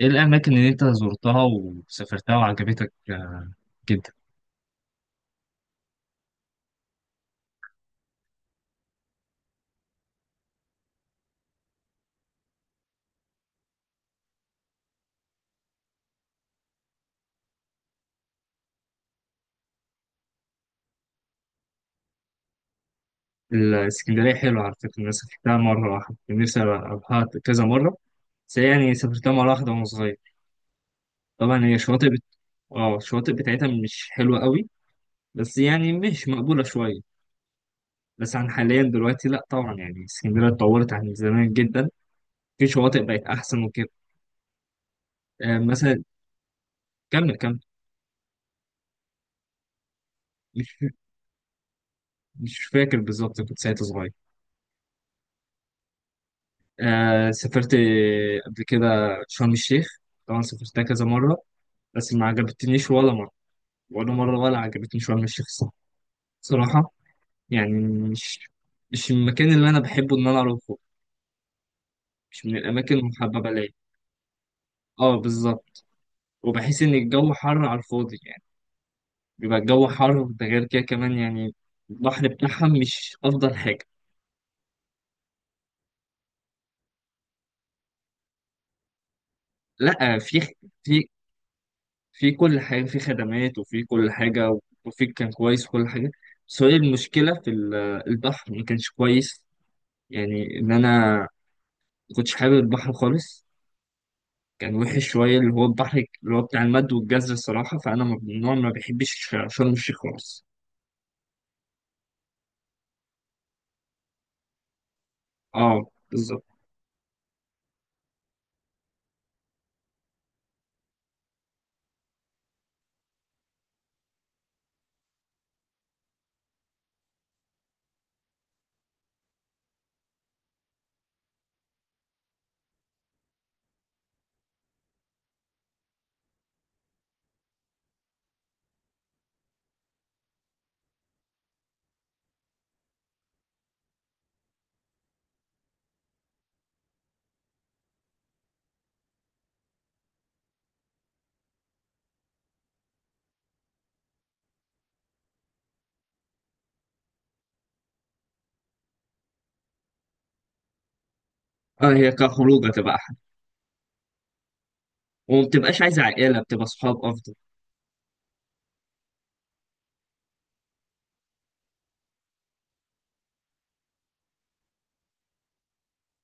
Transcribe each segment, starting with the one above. ايه الاماكن اللي انت زرتها وسافرتها وعجبتك؟ جدا. الاسكندريه حلوه على فكره، انا سافرتها مره واحده، كان نفسي اروحها كذا مره، بس هي يعني سافرتها مره واحده وانا صغير. طبعا هي الشواطئ بت... اه الشواطئ بتاعتها مش حلوه قوي، بس يعني مش مقبوله شويه. بس عن حاليا دلوقتي لا طبعا، يعني اسكندريه اتطورت عن زمان جدا، في شواطئ بقت احسن وكده. آه مثلا. كمل كمل. مش مش فاكر بالظبط، كنت ساعتها صغير. آه سافرت قبل كده شرم الشيخ، طبعا سافرتها كذا مرة بس ما عجبتنيش ولا مرة، ولا مرة، ولا عجبتني شرم الشيخ الصراحة. صراحة يعني مش مش المكان اللي أنا بحبه إن أنا أروحه، مش من الأماكن المحببة ليا. اه بالظبط، وبحس إن الجو حر على الفاضي يعني، بيبقى الجو حر، ده غير كده كمان يعني البحر بتاعها مش أفضل حاجة. لأ في في كل حاجة، في خدمات وفي كل حاجة، وفيك كان كويس كل حاجة. بس هي المشكلة في البحر ما كانش كويس، يعني إن أنا ما كنتش حابب البحر خالص. كان وحش شوية اللي هو البحر، اللي هو بتاع المد والجزر الصراحة، فأنا من النوع ما بحبش شرم الشيخ خالص. اه بالظبط. اه هي كخروج هتبقى أحلى، وما بتبقاش عايزة عائلة، بتبقى صحاب أفضل.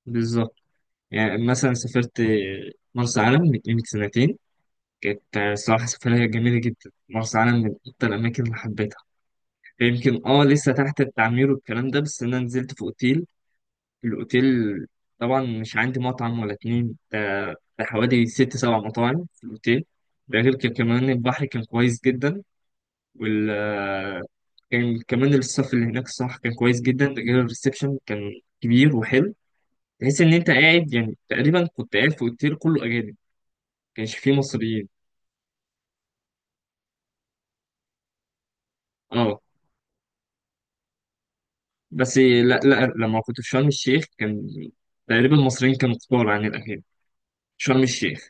بالظبط، يعني مثلا سافرت مرسى علم من قيمة سنتين، كانت الصراحة سفرية جميلة جدا. مرسى علم من أكتر الأماكن اللي حبيتها، يمكن اه لسه تحت التعمير والكلام ده، بس انا نزلت في اوتيل، الاوتيل طبعا مش عندي مطعم ولا اتنين ده، ده حوالي ست سبع مطاعم في الاوتيل. ده غير كده كمان البحر كان كويس جدا، وال آه، كان كمان الصف اللي هناك الصراحة كان كويس جدا، ده غير الريسبشن كان كبير وحلو. تحس ان انت قاعد، يعني تقريبا كنت قاعد في اوتيل كله اجانب، كانش فيه مصريين. اه بس لا لا لما كنت في شرم الشيخ، كان تقريبا المصريين كانوا كتار عن الاجانب، شرم الشيخ.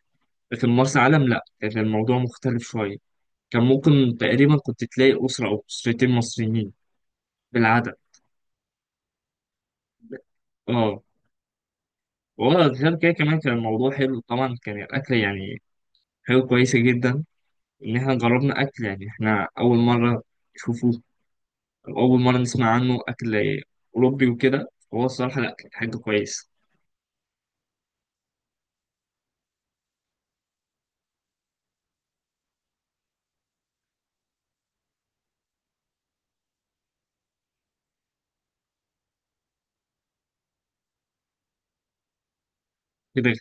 لكن مرسى علم لا كان الموضوع مختلف شوية، كان ممكن تقريبا كنت تلاقي أسرة أو أسرتين مصريين بالعدد. اه وغير كده كمان كان الموضوع حلو، طبعا كان الأكل يعني حاجة كويسة جدا، إن إحنا جربنا أكل، يعني إحنا أول مرة نشوفه أو أول مرة نسمع عنه، أكل أوروبي وكده. هو الصراحة لا، كانت حاجة كويسة كده.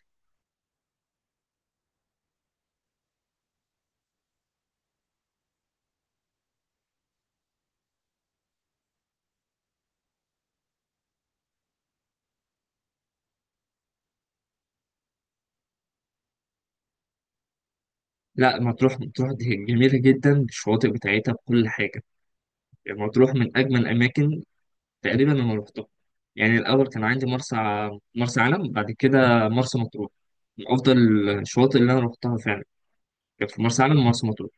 لا مطروح مطروح دي جميلة جدا الشواطئ بتاعتها بكل حاجة، يعني مطروح من أجمل الأماكن تقريبا انا رحتها. يعني الاول كان عندي مرسى علم، بعد كده مرسى مطروح، من افضل الشواطئ اللي انا رحتها فعلا، كانت في مرسى علم ومرسى مطروح.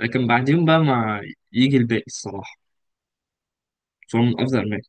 لكن بعدين بقى ما يجي الباقي الصراحه، بصراحه من افضل الاماكن.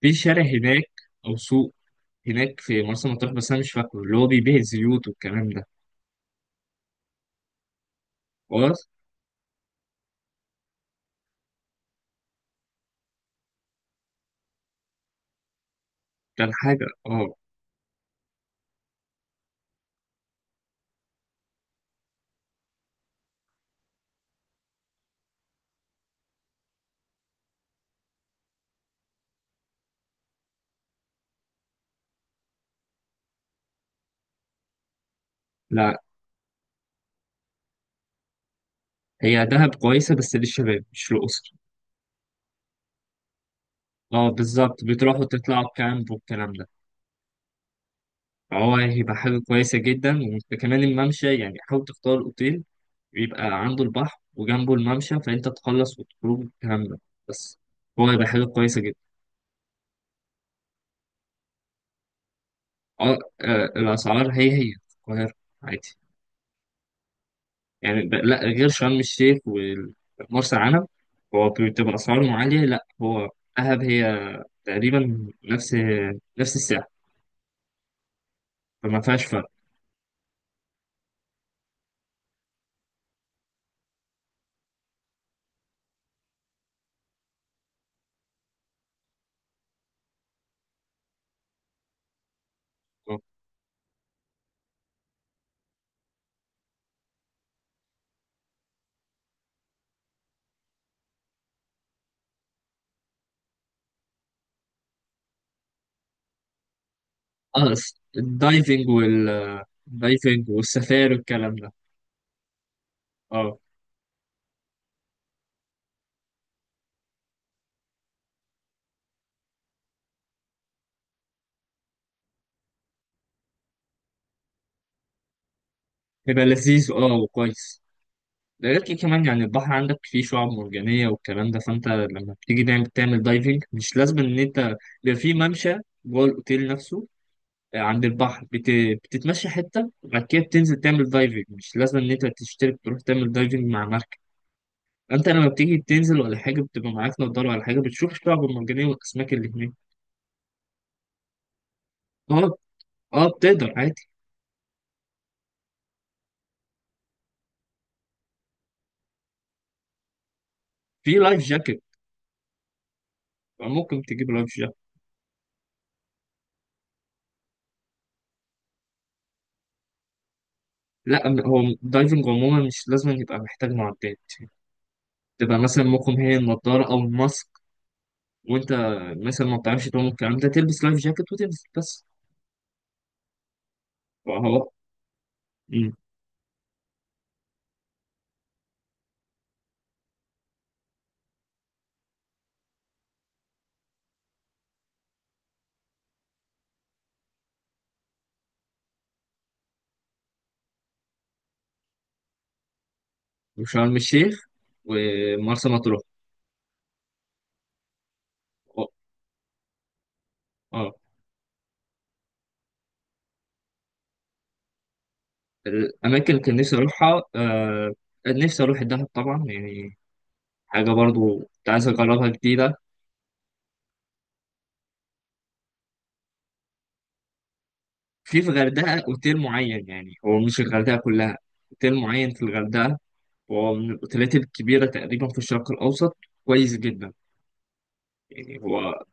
في شارع هناك او سوق هناك في مرسى مطروح بس انا مش فاكره، اللي هو بيبيع الزيوت والكلام ده. خلاص. كان حاجه اه. لا، هي دهب كويسه بس للشباب مش للاسر. اه بالظبط، بتروحوا تطلعوا كامب والكلام ده، هو هيبقى حاجة كويسة جدا. وكمان الممشى، يعني حاول تختار أوتيل يبقى عنده البحر وجنبه الممشى فأنت تخلص وتخرج كاملة، بس هو هيبقى حاجة كويسة جدا. أه، الأسعار هي هي في القاهرة عادي، يعني لا، غير شرم الشيخ ومرسى علم هو بتبقى أسعارهم عالية، لا هو دهب هي تقريبا نفس السعر، فما فيهاش فرق. اه الدايفنج وال الدايفنج والسفاري والكلام ده. اه بيبقى لذيذ اه وكويس. ده غير كده كمان يعني البحر عندك فيه شعاب مرجانية والكلام ده، فانت لما بتيجي تعمل دايفنج مش لازم ان انت، بيبقى فيه ممشى جوه الاوتيل نفسه، عند البحر بتتمشى حتة، بعد كده بتنزل تعمل دايفنج، مش لازم ان انت تشترك تروح تعمل دايفنج مع مركب، انت لما بتيجي تنزل ولا حاجة، بتبقى معاك نضارة ولا حاجة، بتشوف الشعاب المرجانية والاسماك اللي هناك. اه. اه بتقدر عادي. في لايف جاكيت، ممكن تجيب لايف جاكيت. لا هو دايفنج عموما مش لازم يبقى محتاج معدات، تبقى مثلا ممكن هي النضارة أو الماسك، وأنت مثلا ما بتعرفش تعوم الكلام ده تلبس لايف جاكيت وتنزل بس. فهو. مم. وشرم الشيخ ومرسى مطروح. أه. آه. الأماكن اللي كان نفسي أروحها نفسي أروح الدهب طبعا، يعني حاجة برضو كنت عايز أجربها جديدة. في الغردقة أوتيل معين، يعني هو مش الغردقة كلها، أوتيل معين في الغردقة، هو من الأوتيلات الكبيرة تقريبا في الشرق الأوسط، كويس جدا. يعني هو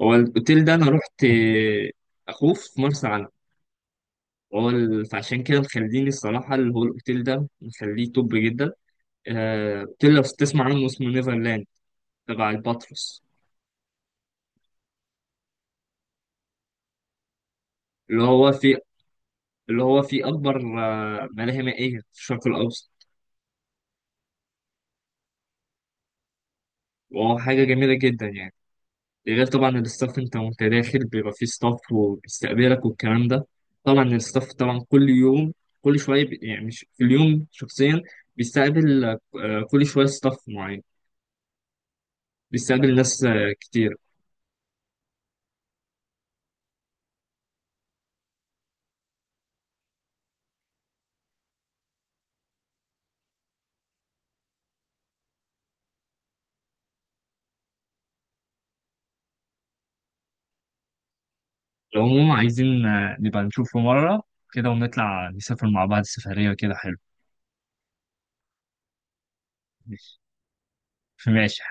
هو الاوتيل ده انا رحت. اخوه في مرسى علم، هو فعشان كده مخليني الصراحه اللي هو الاوتيل ده مخليه توب جدا. اوتيل لو تسمع عنه اسمه نيفرلاند، تبع الباتروس، اللي هو في اللي هو في اكبر ملاهي مائيه في الشرق الاوسط، وهو حاجه جميله جدا يعني. ده غير طبعا الستاف، انت وانت داخل بيبقى فيه ستاف وبيستقبلك والكلام ده. طبعا الستاف طبعا كل يوم كل يعني مش في اليوم شخصيا، بيستقبل كل شويه ستاف معين، بيستقبل ناس كتير. العموم عايزين نبقى نشوفه مرة كده ونطلع نسافر مع بعض سفرية كده حلو. ماشي. ماشي.